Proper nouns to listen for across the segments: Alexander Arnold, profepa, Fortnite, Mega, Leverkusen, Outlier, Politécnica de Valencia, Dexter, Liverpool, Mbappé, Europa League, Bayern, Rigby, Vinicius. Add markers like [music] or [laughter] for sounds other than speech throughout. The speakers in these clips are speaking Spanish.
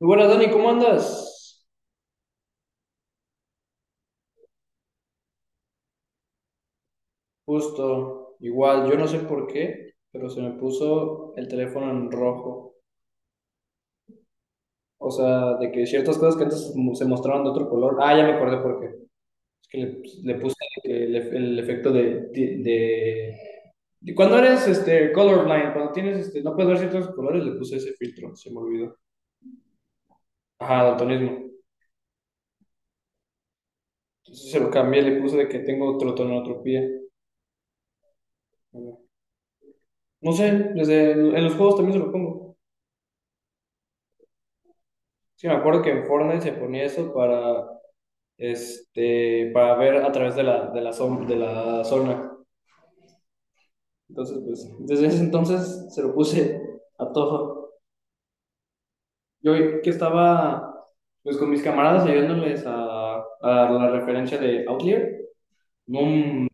Muy buenas, Dani, ¿cómo andas? Justo, igual, yo no sé por qué, pero se me puso el teléfono en rojo. O sea, de que ciertas cosas que antes se mostraban de otro color. Ah, ya me acordé por qué. Es que le puse que el efecto de, de- Cuando eres colorblind, cuando tienes no puedes ver ciertos colores, le puse ese filtro, se me olvidó. Ajá, daltonismo. Entonces se lo cambié, le puse de que tengo trotonotropía. No sé, desde en los juegos también se lo pongo. Sí, me acuerdo que en Fortnite se ponía eso para, para ver a través de la zona. Entonces, pues, desde ese entonces se lo puse a todo. Yo que estaba, pues, con mis camaradas ayudándoles a la referencia de Outlier, no,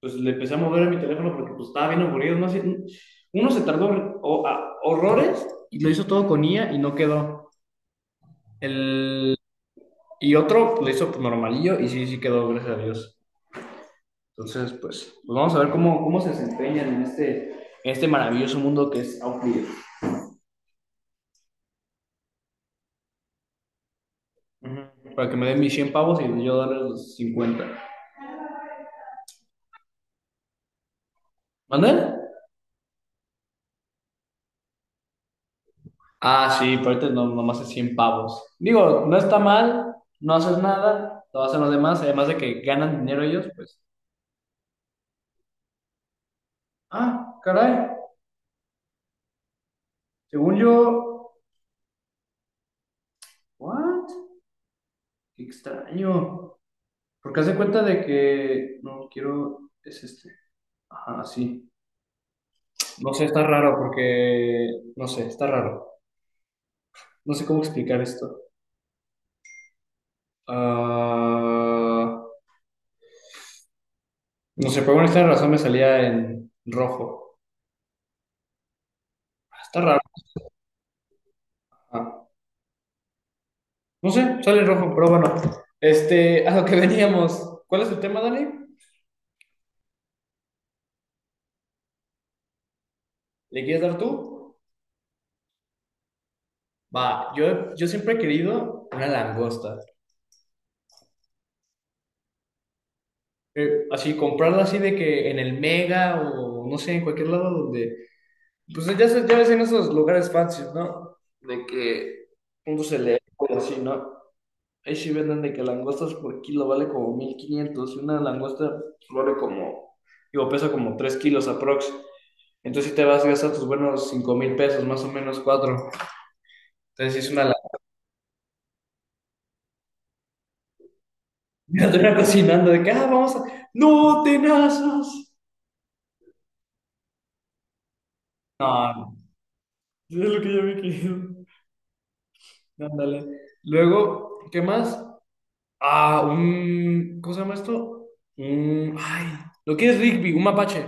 pues, le empecé a mover a mi teléfono porque, pues, estaba bien aburrido. No sé, uno se tardó horrores y lo hizo todo con IA y no quedó. El, y otro lo hizo normalillo y sí, sí quedó, gracias a Dios. Entonces, pues vamos a ver cómo se desempeñan en este maravilloso mundo que es Outlier. Uh-huh. Para que me den mis 100 pavos y yo darles los 50. ¿Mande? Ah, sí, pero ahorita no, nomás es 100 pavos. Digo, no está mal, no haces nada, lo hacen los demás, además de que ganan dinero ellos, pues. Ah, caray. Según yo. ¿What? Qué extraño. Porque hace cuenta de que. No, quiero. Es este. Ajá, sí. No sé, está raro porque. No sé, está raro. No sé cómo explicar esto. Ah, no sé, por una razón me salía en rojo. Está raro. Ah, no sé, sale en rojo, pero bueno. [laughs] A lo que veníamos. ¿Cuál es el tema, Dani? ¿Le quieres dar tú? Va, yo siempre he querido una langosta. Así, comprarla así de que en el Mega o no sé, en cualquier lado donde. Pues ya, ya ves en esos lugares fancy, ¿no? De que. Uno se le así, ¿no? Ahí sí venden de que langostas por kilo vale como 1500 y una langosta vale como, digo, pesa como 3 kilos aprox. Entonces si te vas a gastar tus buenos 5000 pesos, más o menos cuatro. Entonces sí es una... [laughs] Mira, te una [laughs] cocinando de que, ah, vamos a... ¡No, tenazas! No, no. Es lo que yo me quiero. Ándale. Luego, ¿qué más? Ah, un... ¿Cómo se llama esto? Un... Ay, lo que es Rigby, un mapache.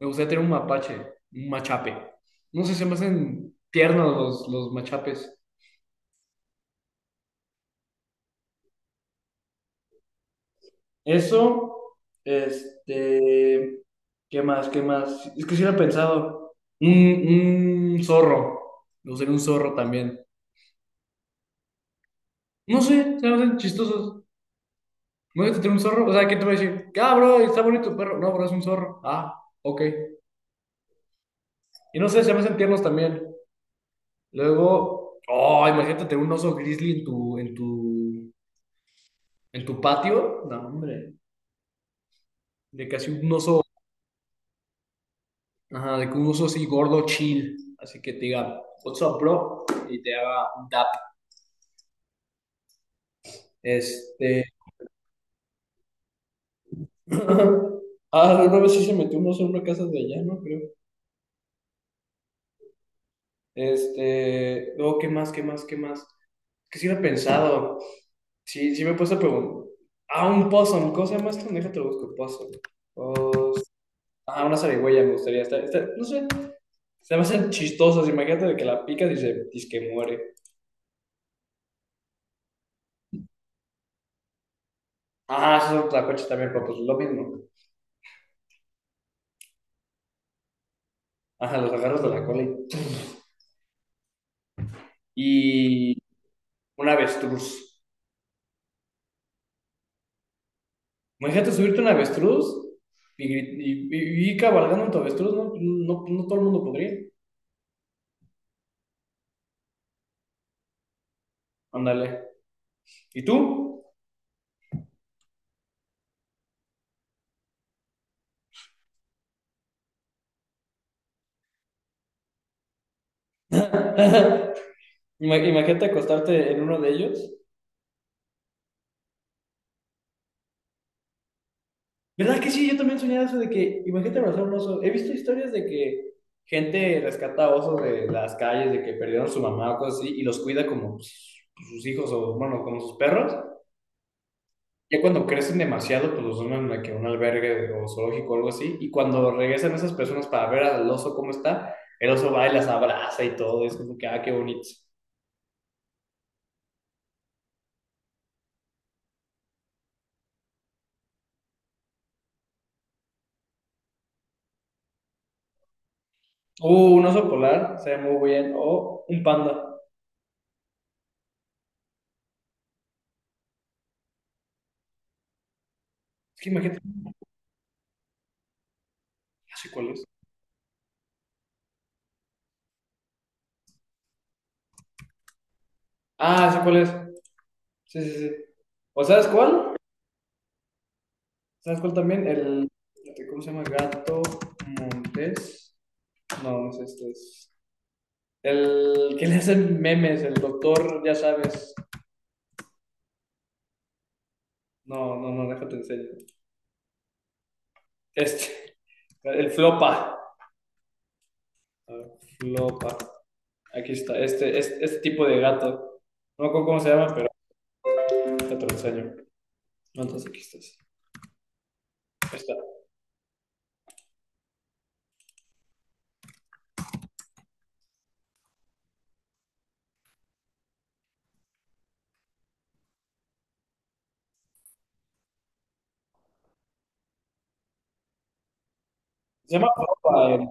Me gustaría tener un mapache, un machape. No sé, se me hacen tiernos los machapes. Eso, este, ¿qué más? ¿Qué más? Es que si lo he pensado. Un zorro. Me gustaría un zorro también. No sé, se me hacen chistosos. ¿Me gusta tener un zorro? O sea, ¿quién te va a decir? Ah, bro, está bonito tu perro. No, bro, es un zorro. Ah, ok. Y no sé, se me hacen tiernos también. Luego, oh, imagínate tener un oso grizzly en tu patio. No, hombre. De que así un oso, ajá, de que un oso así gordo chill, así que te diga, what's up, bro, y te haga un dap. Este, [laughs] ah, una vez sí se metió un oso en una casa de allá, ¿no? Creo. Luego, ¿qué más, qué más, qué más? Que sí lo he pensado, sí, sí me he puesto a preguntar. Ah, un possum, ¿cómo se llama esto? Déjate lo busco, possum. Pos- Ah, una zarigüeya me gustaría estar, no sé, se me hacen chistosas, imagínate de que la picas y se, dice que muere. Ah, esos son tlacuaches también, pero pues lo mismo. Ajá, los agarras de la cola y... ¡tum! Y un avestruz. Imagínate subirte a un avestruz y, y cabalgando en tu avestruz, ¿no? No, no todo el mundo podría. Ándale. ¿Y tú? [laughs] Ima- Imagínate acostarte en uno de ellos. ¿Verdad que sí? Yo también soñaba eso de que, imagínate abrazar un oso. He visto historias de que gente rescata osos de las calles, de que perdieron su mamá o cosas así, y los cuida como sus hijos o, bueno, como sus perros. Ya cuando crecen demasiado, pues los donan a que un albergue o zoológico o algo así. Y cuando regresan esas personas para ver al oso cómo está, el oso va y las abraza y todo. Es como que, ah, qué bonito. Un oso polar, se ve muy bien. O un panda. Es que imagínate, ah, sé cuál es. Ah, sé cuál es. Sí, sí, sí. ¿O sabes cuál? ¿Sabes cuál también? El, ¿cómo se llama? Gato Montés. No, no es este. Es el que le hacen memes, el doctor, ya sabes. No, no, no, déjate en serio. Este, el flopa. Flopa. Aquí está, este tipo de gato. No me acuerdo cómo se llama, pero ahorita te lo enseño. No, entonces aquí está. Sí. Ahí está. Se llama flopa. El,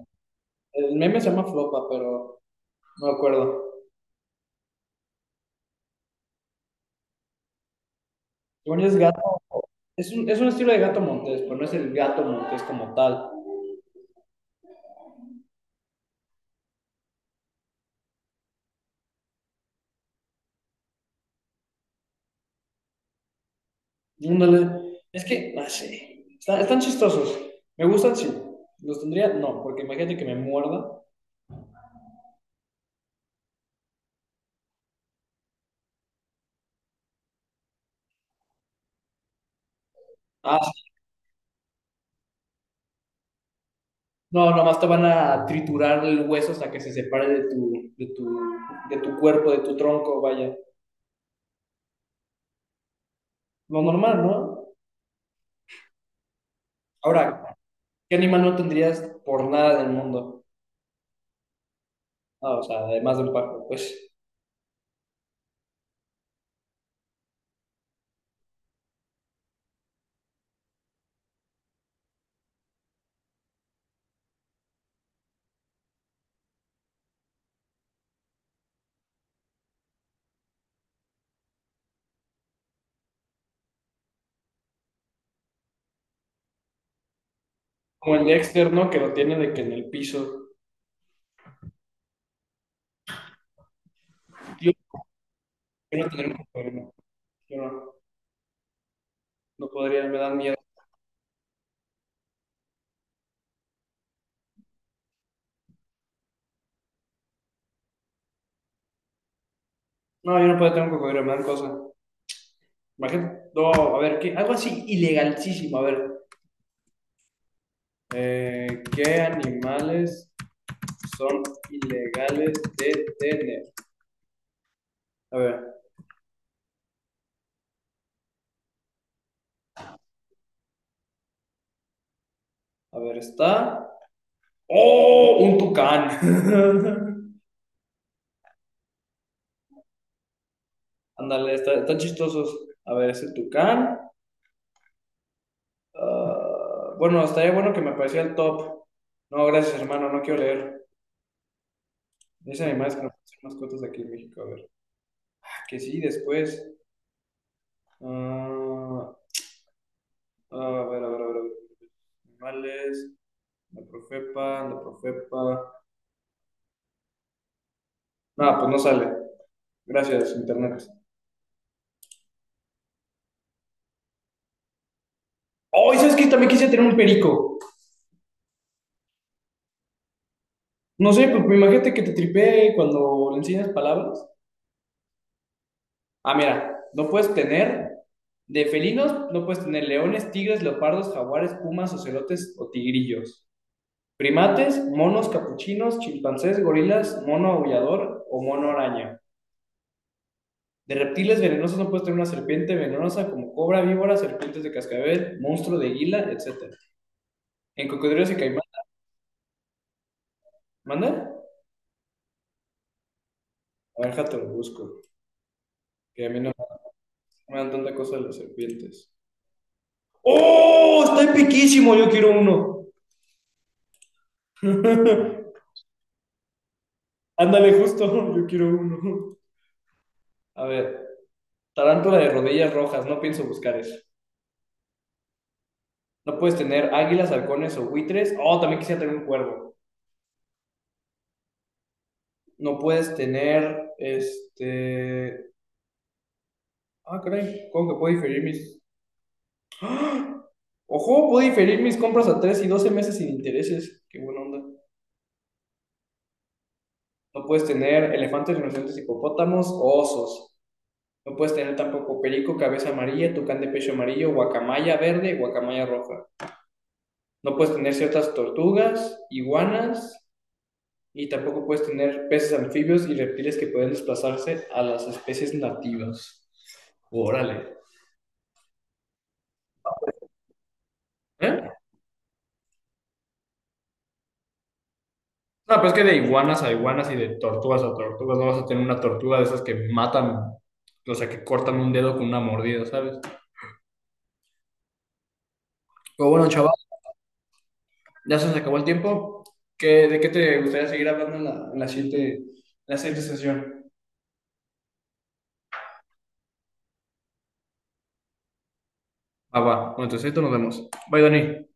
el meme se llama flopa, pero no me acuerdo. Es gato. Es un estilo de gato montés, pero no es el gato montés como tal. No. Es que, no sé. Están chistosos. Me gustan, sí. ¿Los tendría? No, porque imagínate que me muerda. Ah, no, nomás te van a triturar el hueso hasta que se separe de tu, de tu, de tu cuerpo, de tu tronco, vaya. Lo normal, ¿no? Ahora, ¿qué animal no tendrías por nada del mundo? Ah, o sea, además del pájaro, pues. Como el Dexter, ¿no? Que lo tiene de que en el piso. Yo no tener un cocodrilo. Yo no, no podría, me dan miedo. No, yo no puedo tener un cocodrilo, me dan cosa. Imagínate, no, a ver, ¿qué? Algo así ilegalísimo, a ver. ¿Qué animales son ilegales de tener? A ver, a ver, está. ¡Oh! Un tucán. Ándale, [laughs] están está chistosos. A ver, ese tucán. Ah, bueno, estaría bueno que me apareciera el top. No, gracias, hermano, no quiero leer. Dice animales que no pueden ser mascotas aquí en México. A ver, ah, que sí, después. Ah, ah, a ver, a ver, a ver. Animales, la profepa. Nada, pues no sale. Gracias, internet. Oh, ¿y sabes que también quise tener un perico? No sé, pues imagínate que te tripee cuando le enseñas palabras. Ah, mira, no puedes tener de felinos, no puedes tener leones, tigres, leopardos, jaguares, pumas, ocelotes o tigrillos. Primates, monos, capuchinos, chimpancés, gorilas, mono aullador o mono araña. De reptiles venenosos no puedes tener una serpiente venenosa como cobra, víbora, serpientes de cascabel, monstruo de guila, etcétera. En cocodrilos y caimanes, ¿manda? A ver, jato, lo busco. Que a mí no. Me dan tanta cosa de las serpientes. ¡Oh! Está epiquísimo, yo quiero uno. [laughs] Ándale, justo, yo quiero uno. A ver, tarántula de rodillas rojas, no pienso buscar eso. No puedes tener águilas, halcones o buitres. Oh, también quisiera tener un cuervo. No puedes tener, este... Ah, caray, ¿cómo que puedo diferir mis... Ojo, puedo diferir mis compras a 3 y 12 meses sin intereses. Qué buena onda. No puedes tener elefantes, rinocerontes, hipopótamos o osos. No puedes tener tampoco perico, cabeza amarilla, tucán de pecho amarillo, guacamaya verde, guacamaya roja. No puedes tener ciertas tortugas, iguanas, y tampoco puedes tener peces anfibios y reptiles que pueden desplazarse a las especies nativas. Órale. ¿Eh? No, pero es que de iguanas a iguanas y de tortugas a tortugas, no vas a tener una tortuga de esas que matan, o sea, que cortan un dedo con una mordida, ¿sabes? Pero bueno, chaval, ya se nos acabó el tiempo. ¿Qué, de qué te gustaría seguir hablando en la, en la siguiente sesión? Ah, va. Bueno, entonces esto nos vemos. Bye, Dani.